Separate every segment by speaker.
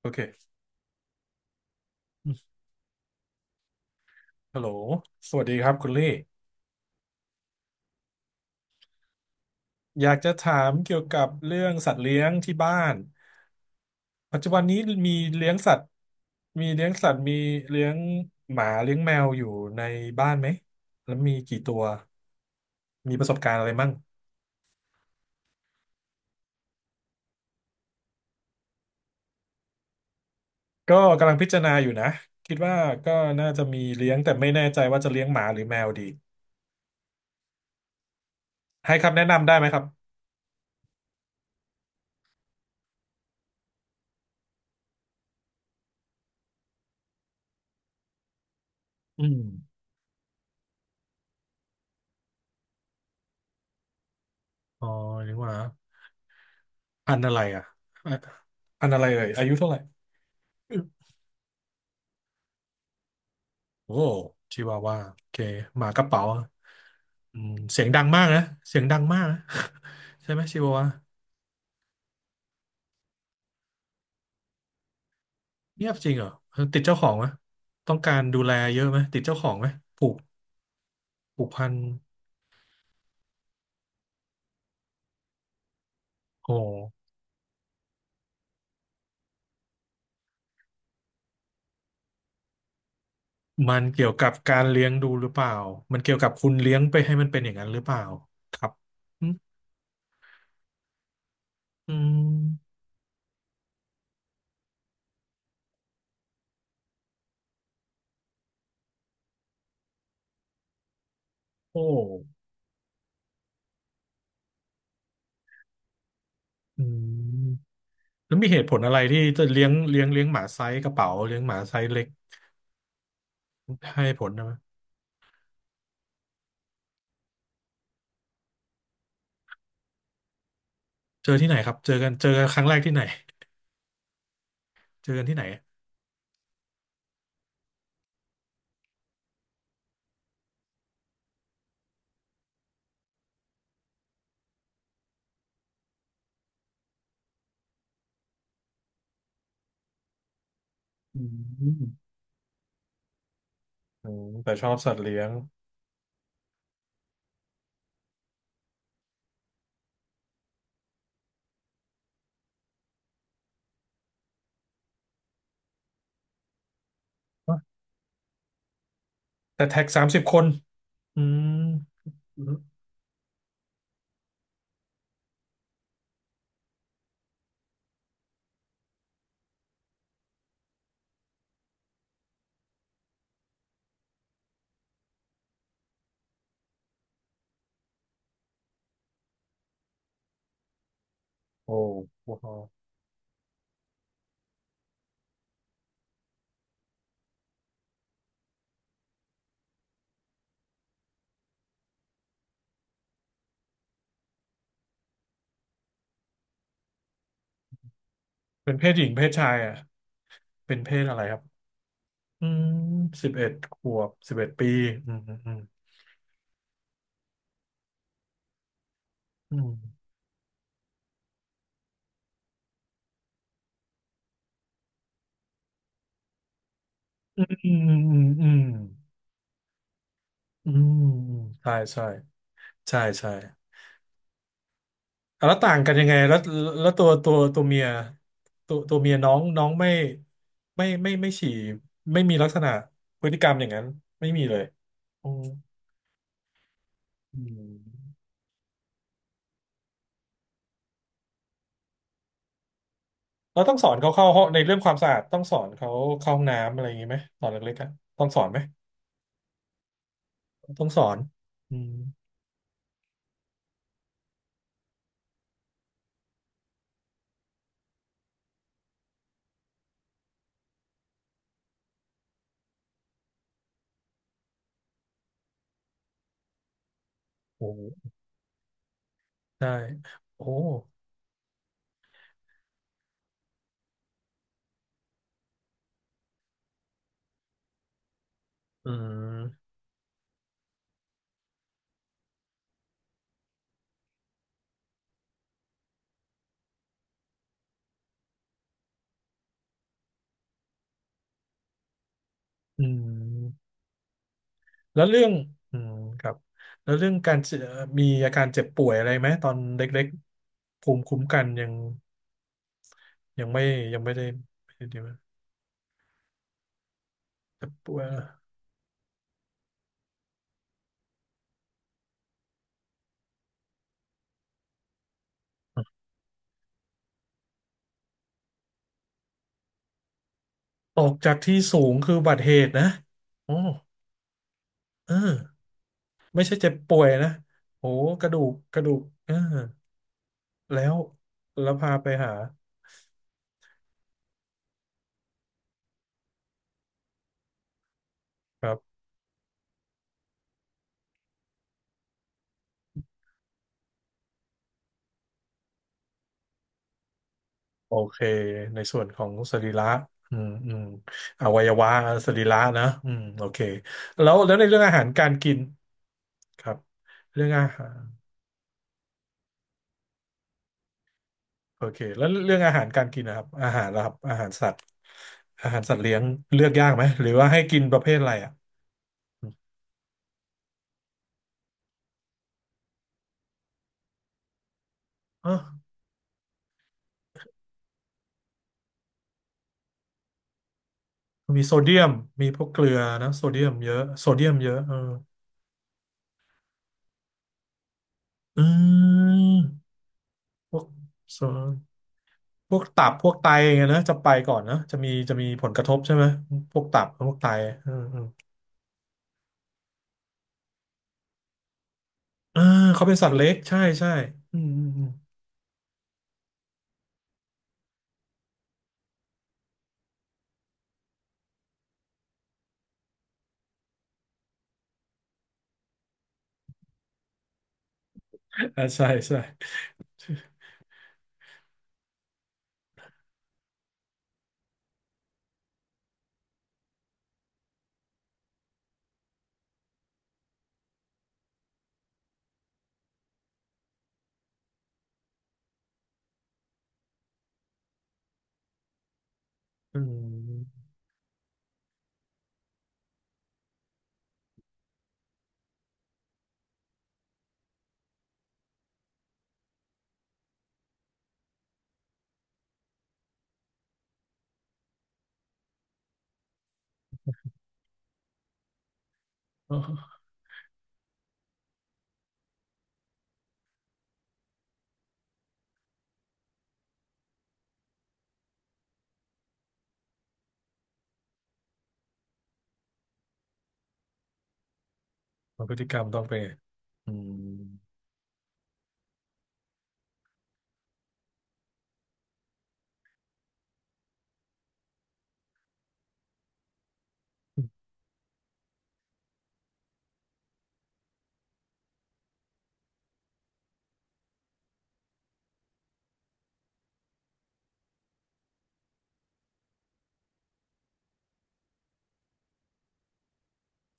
Speaker 1: โอเคฮัลโหลสวัสดีครับคุณลี่อยากจะถามเกี่ยวกับเรื่องสัตว์เลี้ยงที่บ้านปัจจุบันนี้มีเลี้ยงสัตว์มีเลี้ยงสัตว์มีเลี้ยงหมาเลี้ยงแมวอยู่ในบ้านไหมแล้วมีกี่ตัวมีประสบการณ์อะไรมั่งก็กำลังพิจารณาอยู่นะคิดว่าก็น่าจะมีเลี้ยงแต่ไม่แน่ใจว่าจะเลี้ยงหมาหรือแมวดีให้คำแนะนำได้ไหมครับอืมอ๋อเลี้ยงหมาพันธุ์อะไรอ่ะพันธุ์อะไรเอ่ยอายุเท่าไหร่ โอ้ชิวาว่าโอเคหมากระเป๋าอืมเสียงดังมากนะเสียงดังมากนะ ใช่ไหมชิวาว่าเงียบจริงเหรอเออติดเจ้าของไหมต้องการดูแลเยอะไหมติดเจ้าของไหมผูกผูกพันโอ้มันเกี่ยวกับการเลี้ยงดูหรือเปล่ามันเกี่ยวกับคุณเลี้ยงไปให้มันเป็นอย่างนั้นหรือเปล่าครับอืมอืมโอ้อืมแล้วมีเหตุผลอะไรที่จะเลี้ยงหมาไซส์กระเป๋าเลี้ยงหมาไซส์เล็กให้ผลนะมั้ยเจอที่ไหนครับเจอกันครั้งแรกที่ไหน เจอกันที่ไหนอะอืมอืม แต่ชอบสัตว์เลี้ยง แต่แท็กสามสิบคนอืมอืม โอ้โหเป็นเพศหญิงเพศชายอ่ะ เป็นเพศอะไรครับ อืมสิบเอ็ดขวบสิบเอ็ดปีอืมอืมอืมอืม อืม อืมอืมอืมอืมใช่ใช่ ใช่ใช่ อ่ะแล้วต่างกันยังไงแล้วแล้วตัวเมียตัวตัวเมียน้องน้องไม่ไม่ฉี่ไม่มีลักษณะพฤติกรรมอย่างนั้นไม่มีเลยอืมอืมเราต้องสอนเขาเข้าห้องในเรื่องความสะอาดต้องสอนเขาเข้าห้องน้ำอะไรอย่างนี้ไหมตอนเล็กๆอะต้องสอนไหมต้องสอนอืมโอ้ได้โอ้อืมอืมแล้วเรื่องอืมครับแล้วเรื่องการเจ็บมีอาการเจ็บป่วยอะไรไหมตอนเล็กๆภูมิคุ้มกันยัง ยังไม่ยังไม่ได้ไม่ได้ดีมากแต่ป่วยตกจากที่สูงคืออุบัติเหตุนะโอ้เออไม่ใช่เจ็บป่วยนะโอ้กระดูกกระดูกเออแล้วแล้วพาไปหาครับโอเคในส่วนของสรีระอืมอืมอวัยวะสรีระนะอืมโอเคแล้วแล้วในเรื่องอาหารการกินครับเรื่องอาหารโอเคแล้วเรื่องอาหารการกินนะครับอาหารนะครับอาหารสัตว์อาหารสัตว์เลี้ยงเลือกยากไหมหรือว่าให้กินประเภทอะไรอ่ะ อ่ะมีโซเดียมมีพวกเกลือนะโซเดียมเยอะโซเดียมเยอะเอออืมพวกโซพวกตับพวกไตอย่างเงี้ยนะจะไปก่อนนะจะมีจะมีผลกระทบใช่ไหม พวกตับพวกไตอืมอืมเออเขาเป็นสัตว์เล็กใช่ใช่อืมอืมอืมอ่าใช่ใช่อืมอ๋อพฤติกรรมต้องเป็นอืม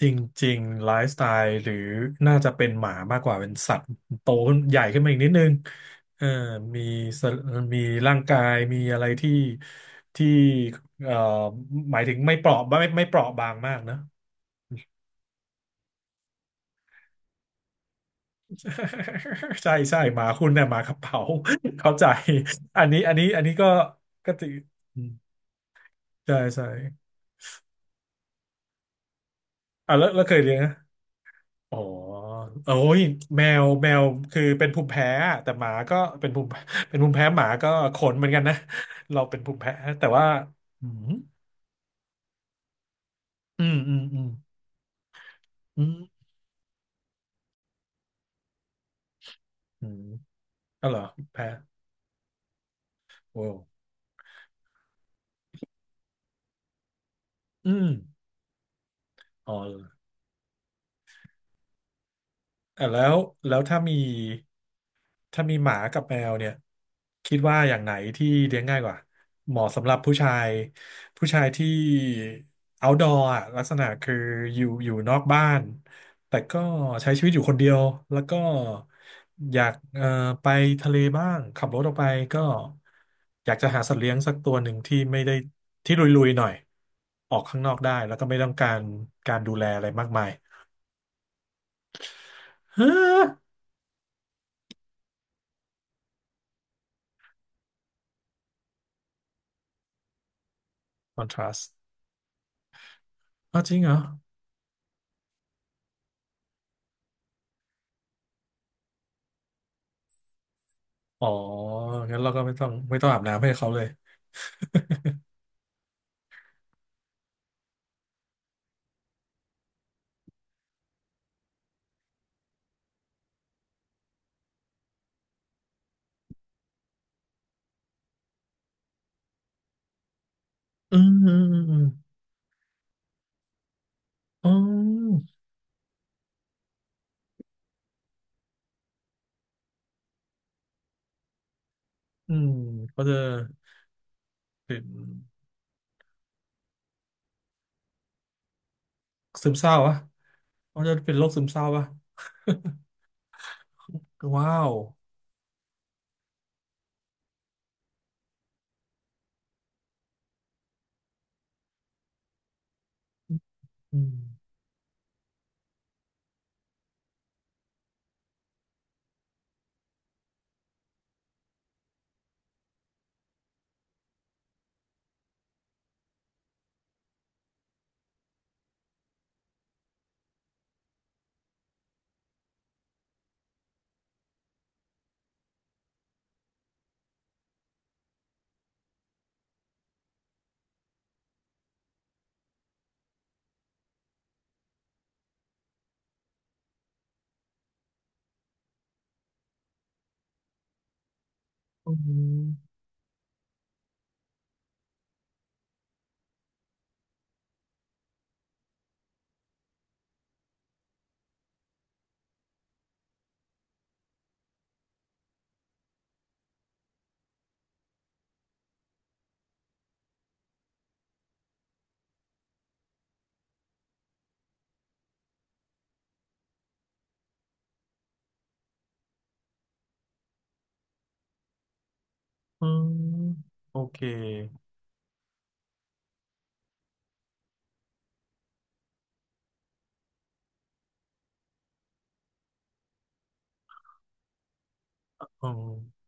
Speaker 1: จริงๆไลฟ์สไตล์หรือน่าจะเป็นหมามากกว่าเป็นสัตว์โตขึ้นใหญ่ขึ้นมาอีกนิดนึงเออมีสมีร่างกายมีอะไรที่เอ่อหมายถึงไม่เปราะไม่เปราะบางมากนะ ใช่ใช่หมาคุณเนี่ยหมากระเป๋า เข้าใจอันนี้ก็ก็ติอืมใช่ใช่อ่ะแล้วแล้วเคยเลี้ยงไหม อ๋อโอ้ยแมวแมวคือเป็นภูมิแพ้อะแต่หมาก็เป็นภูมิ เป็นภูมิแพ้หมาก็ขนเหมือนกันนะเราเป็นภูมิแพ้แต่ว่าอืมอืมอืมอืมอืมอืมเอาเหรอแพ้โว้วอืมอ๋อ อ่ะแล้วแล้วถ้ามีหมากับแมวเนี่ยคิดว่าอย่างไหนที่เลี้ยงง่ายกว่าเหมาะสำหรับผู้ชายที่ outdoor อะลักษณะคืออยู่นอกบ้านแต่ก็ใช้ชีวิตอยู่คนเดียวแล้วก็อยากไปทะเลบ้างขับรถออกไปก็อยากจะหาสัตว์เลี้ยงสักตัวหนึ่งที่ไม่ได้ที่ลุยๆหน่อยออกข้างนอกได้แล้วก็ไม่ต้องการการดูแลอะไรมากมาย คอนทราส อ้าวจริงเหรอ อ๋องั้นเราก็ไม่ต้องอาบน้ำให้เขาเลยอืมอืมอืมอืมอ๋ออืมเขาจะเป็นซึมเศร้าวะเขาจะเป็นโรคซึมเศร้าวะ ว้าวอืมอืมอืมโอเคอ๋อ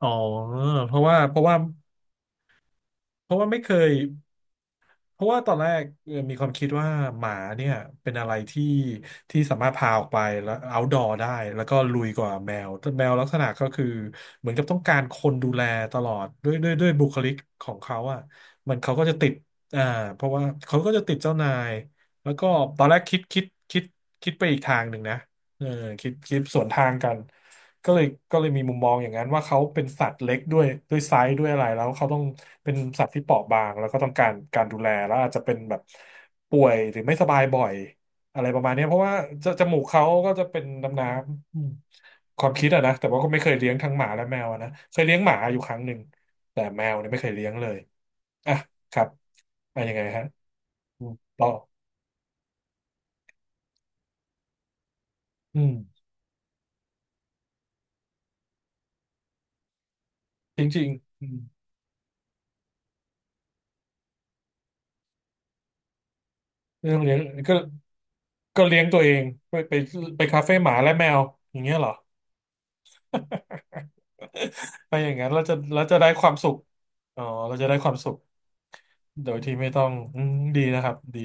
Speaker 1: อ๋อเพราะว่าเพราะว่าไม่เคย เพราะว่าตอนแรกมีความคิดว่าหมาเนี่ยเป็นอะไรที่สามารถพาออกไปแล้ว outdoor ได้แล้วก็ลุยกว่าแมวแต่แมวลักษณะก็คือเหมือนกับต้องการคนดูแลตลอดด้วยบุคลิกของเขาอ่ะมันเขาก็จะติดอ่าเพราะว่าเขาก็จะติดเจ้านายแล้วก็ตอนแรกคิดคิดไปอีกทางหนึ่งนะเออคิดคิดสวนทางกัน ก็เลยก็เลยมีมุมมองอย่างนั้นว่าเขาเป็นสัตว์เล็กด้วยไซส์ด้วยอะไรแล้วเขาต้องเป็นสัตว์ที่เปราะบางแล้วก็ต้องการการดูแลแล้วอาจจะเป็นแบบป่วยหรือไม่สบายบ่อยอะไรประมาณเนี้ยเพราะว่าจจมูกเขาก็จะเป็นน้ำน้ำอืมความคิดอะนะแต่ว่าก็ไม่เคยเลี้ยงทั้งหมาและแมวอะนะเคยเลี้ยงหมาอยู่ครั้งหนึ่งแต่แมวเนี่ยไม่เคยเลี้ยงเลยอ่ะครับอะยังไงฮะอืมต่ออืมจริงๆอืมเรื่องเลี้ยงก็ ก็เลี้ยงตัวเองไปไปไปคาเฟ่หมาและแมวอย่างเงี้ยเหรอ ไปอย่างนั้นเราจะได้ความสุขอ๋อเราจะได้ความสุขโดยที่ไม่ต้องอืมดีนะครับดี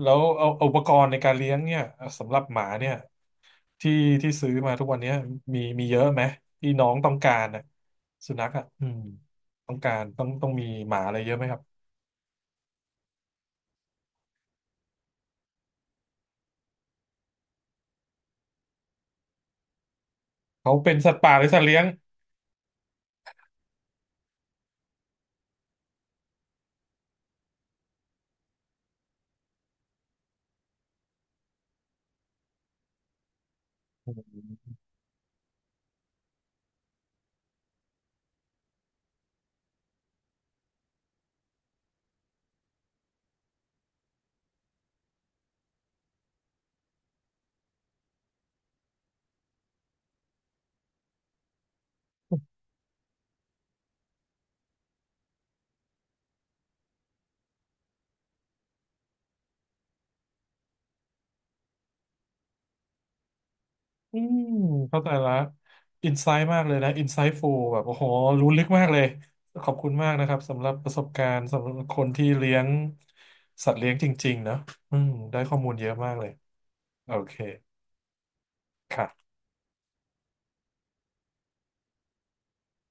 Speaker 1: แล้วเอาอุปกรณ์ในการเลี้ยงเนี่ยสำหรับหมาเนี่ยที่ที่ซื้อมาทุกวันเนี้ยมีมีเยอะไหมที่น้องต้องการนะสุนัขอ่ะอืมต้องการต้องต้องมีหมาอะไรเยอะไหมครับเขาเป็นสัตว์ป่าหรือสัตว์เลี้ยง อืมเข้าใจละอินไซต์มากเลยนะอินไซต์ฟูลแบบโอ้โหรู้ลึกมากเลยขอบคุณมากนะครับสำหรับประสบการณ์สำหรับคนที่เลี้ยงสัตว์เลี้ยงจริงๆเนอะอืมได้ข้อมูลเยอะมากเลยโอเคครับ